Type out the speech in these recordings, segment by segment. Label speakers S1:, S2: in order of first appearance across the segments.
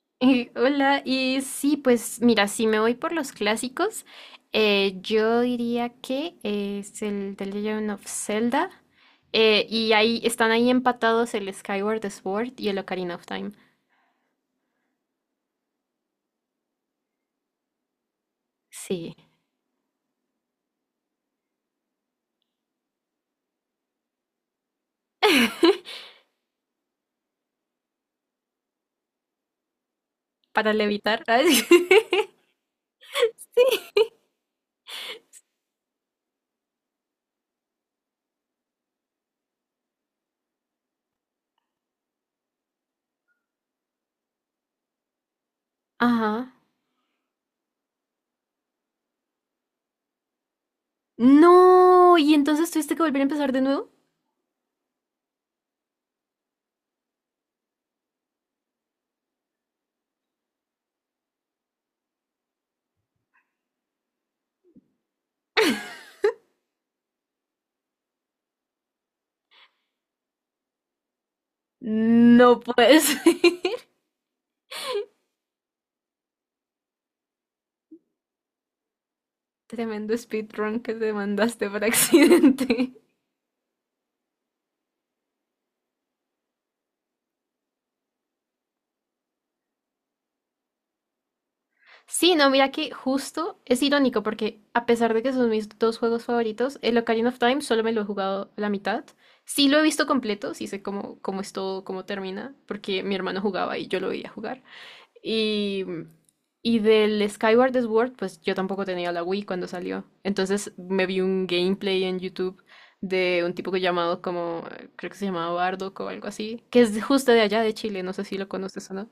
S1: Hola, y sí, pues mira, si me voy por los clásicos, yo diría que es el The Legend of Zelda, y ahí están ahí empatados el Skyward Sword y el Ocarina of Time. Sí. Para levitar. Ay, ajá. No, y entonces tuviste que volver a empezar de nuevo. No puedes. Tremendo speedrun que te mandaste por accidente. Sí, no, mira que justo es irónico porque a pesar de que son mis dos juegos favoritos, el Ocarina of Time solo me lo he jugado la mitad. Sí lo he visto completo, sí sé cómo es todo, cómo termina, porque mi hermano jugaba y yo lo veía jugar. Y, y del Skyward Sword, pues yo tampoco tenía la Wii cuando salió. Entonces me vi un gameplay en YouTube de un tipo que llamado como, creo que se llamaba Bardock o algo así, que es justo de allá de Chile, no sé si lo conoces o no.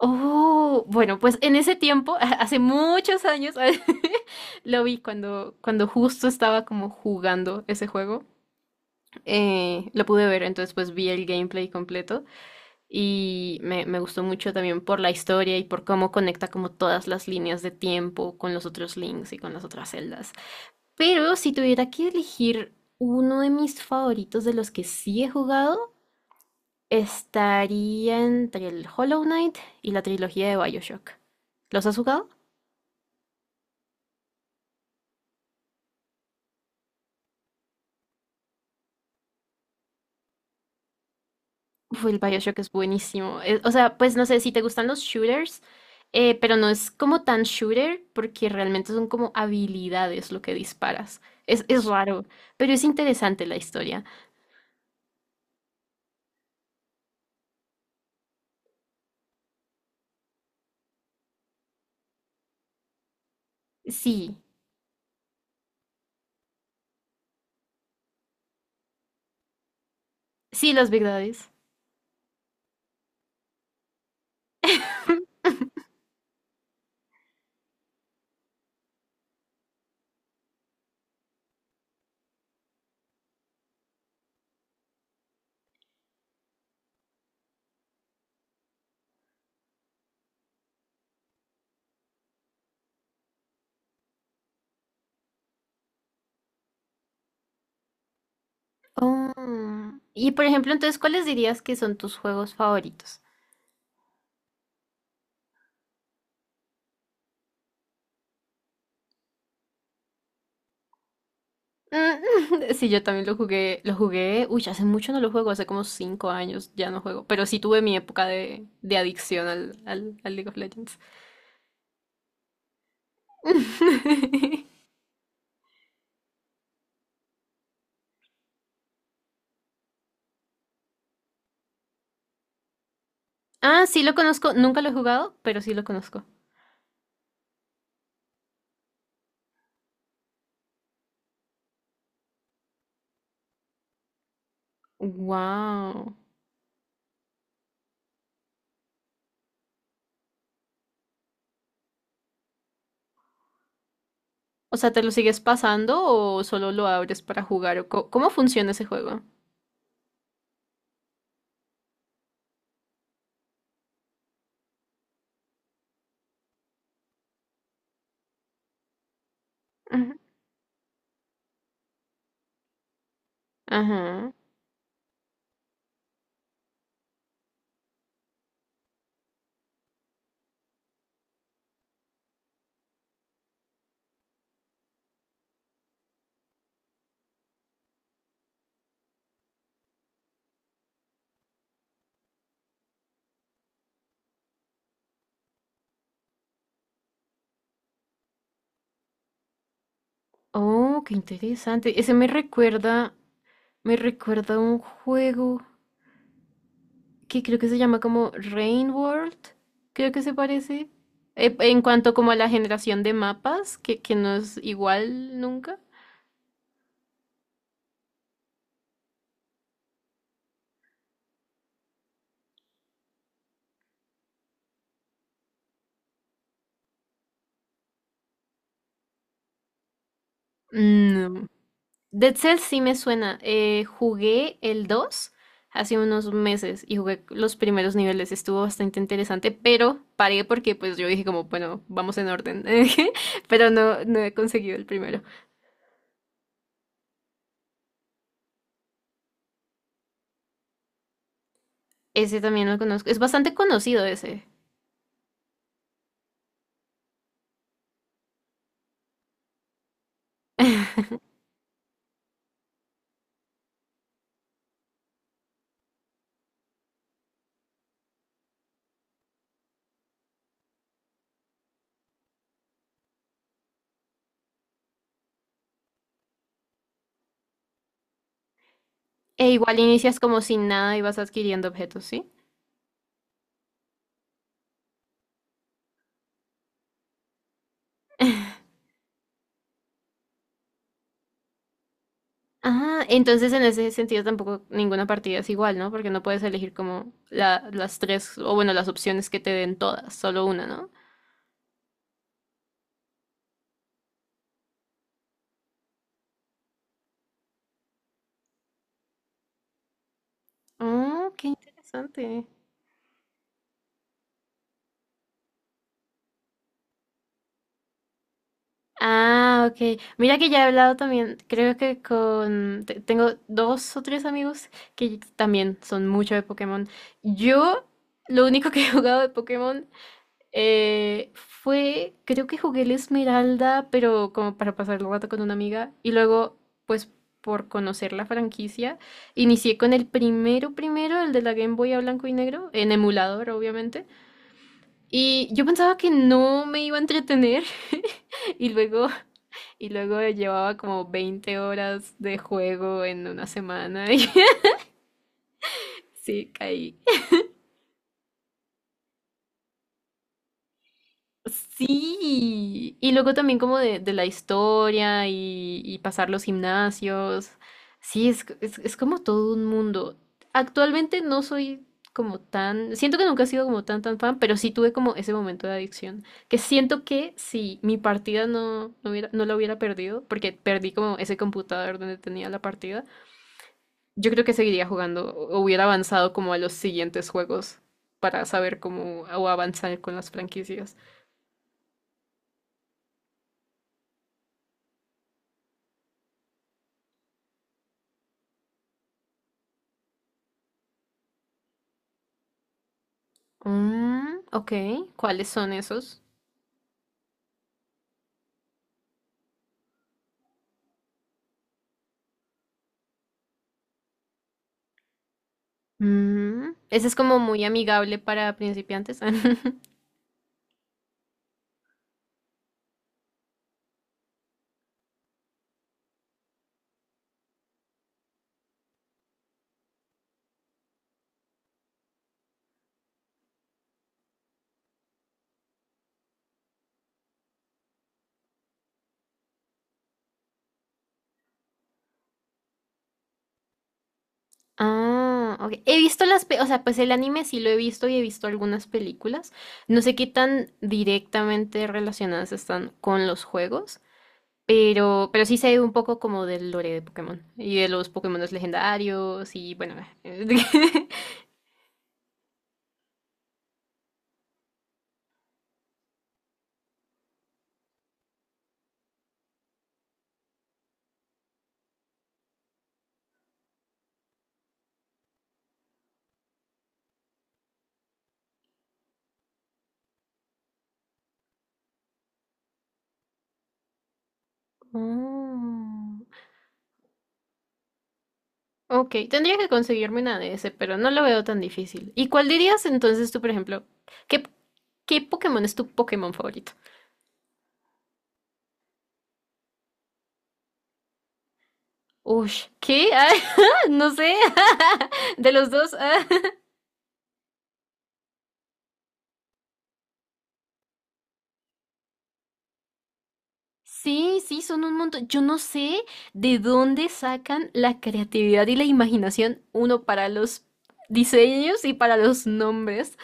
S1: Oh, bueno, pues en ese tiempo, hace muchos años, lo vi cuando, justo estaba como jugando ese juego. Lo pude ver, entonces pues vi el gameplay completo y me gustó mucho también por la historia y por cómo conecta como todas las líneas de tiempo con los otros links y con las otras celdas. Pero si tuviera que elegir uno de mis favoritos de los que sí he jugado, estaría entre el Hollow Knight y la trilogía de BioShock. ¿Los has jugado? Uf, el BioShock es buenísimo. O sea, pues no sé si te gustan los shooters, pero no es como tan shooter porque realmente son como habilidades lo que disparas. Es raro, pero es interesante la historia. Sí, sí, las verdades. Oh, y por ejemplo, entonces, ¿cuáles dirías que son tus juegos favoritos? Mm, sí, yo también lo jugué, uy, hace mucho no lo juego, hace como 5 años ya no juego, pero sí tuve mi época de adicción al League of Legends. Ah, sí lo conozco, nunca lo he jugado, pero sí lo conozco. Wow. O sea, ¿te lo sigues pasando o solo lo abres para jugar? ¿Cómo funciona ese juego? Ujú. Ajá. Oh, qué interesante. Ese me recuerda a un juego que creo que se llama como Rain World, creo que se parece. En cuanto como a la generación de mapas, que no es igual nunca. No. Dead Cells sí me suena. Jugué el 2 hace unos meses y jugué los primeros niveles. Estuvo bastante interesante, pero paré porque pues yo dije como, bueno, vamos en orden. Pero no, no he conseguido el primero. Ese también lo conozco. Es bastante conocido ese. E igual inicias como sin nada y vas adquiriendo objetos, ¿sí? Ah, entonces en ese sentido tampoco ninguna partida es igual, ¿no? Porque no puedes elegir como las tres, o bueno, las opciones que te den todas, solo una, ¿no? Oh, qué interesante. Ah, ok. Mira que ya he hablado también, creo que tengo dos o tres amigos que también son mucho de Pokémon. Yo, lo único que he jugado de Pokémon, fue, creo que jugué el Esmeralda, pero como para pasar el rato con una amiga. Y luego, pues por conocer la franquicia, inicié con el primero, primero, el de la Game Boy a blanco y negro, en emulador, obviamente. Y yo pensaba que no me iba a entretener. Y luego, y luego, llevaba como 20 horas de juego en una semana. Y sí, caí. Sí, y luego también como de la historia y pasar los gimnasios. Sí, es como todo un mundo. Actualmente no soy como tan, siento que nunca he sido como tan tan fan, pero sí tuve como ese momento de adicción, que siento que si mi partida no la hubiera perdido, porque perdí como ese computador donde tenía la partida, yo creo que seguiría jugando o hubiera avanzado como a los siguientes juegos para saber cómo o avanzar con las franquicias. Mm, ok, ¿cuáles son esos? Mm, ese es como muy amigable para principiantes. Ah, ok. He visto las, o sea, pues el anime sí lo he visto y he visto algunas películas. No sé qué tan directamente relacionadas están con los juegos, pero, sí sé un poco como del lore de Pokémon y de los Pokémon legendarios y bueno. Oh. Ok, tendría que conseguirme una de ese, pero no lo veo tan difícil. ¿Y cuál dirías entonces tú, por ejemplo? ¿Qué, Pokémon es tu Pokémon favorito? Uy, ¿qué? Ah, no sé. De los dos. Ah. Sí, sí, son un montón. Yo no sé de dónde sacan la creatividad y la imaginación, uno para los diseños y para los nombres.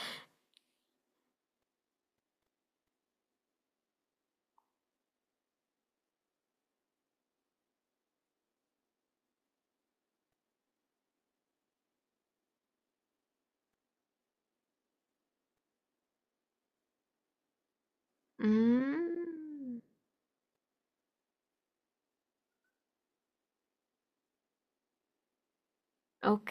S1: Mm. Ok.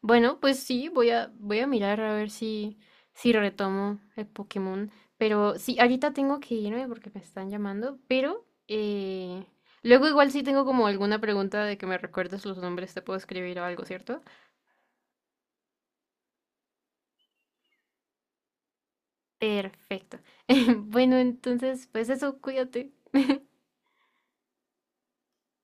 S1: Bueno, pues sí, voy a mirar a ver si, si retomo el Pokémon. Pero sí, ahorita tengo que irme porque me están llamando, pero luego igual si tengo como alguna pregunta de que me recuerdes los nombres, te puedo escribir o algo, ¿cierto? Perfecto. Bueno, entonces, pues eso, cuídate.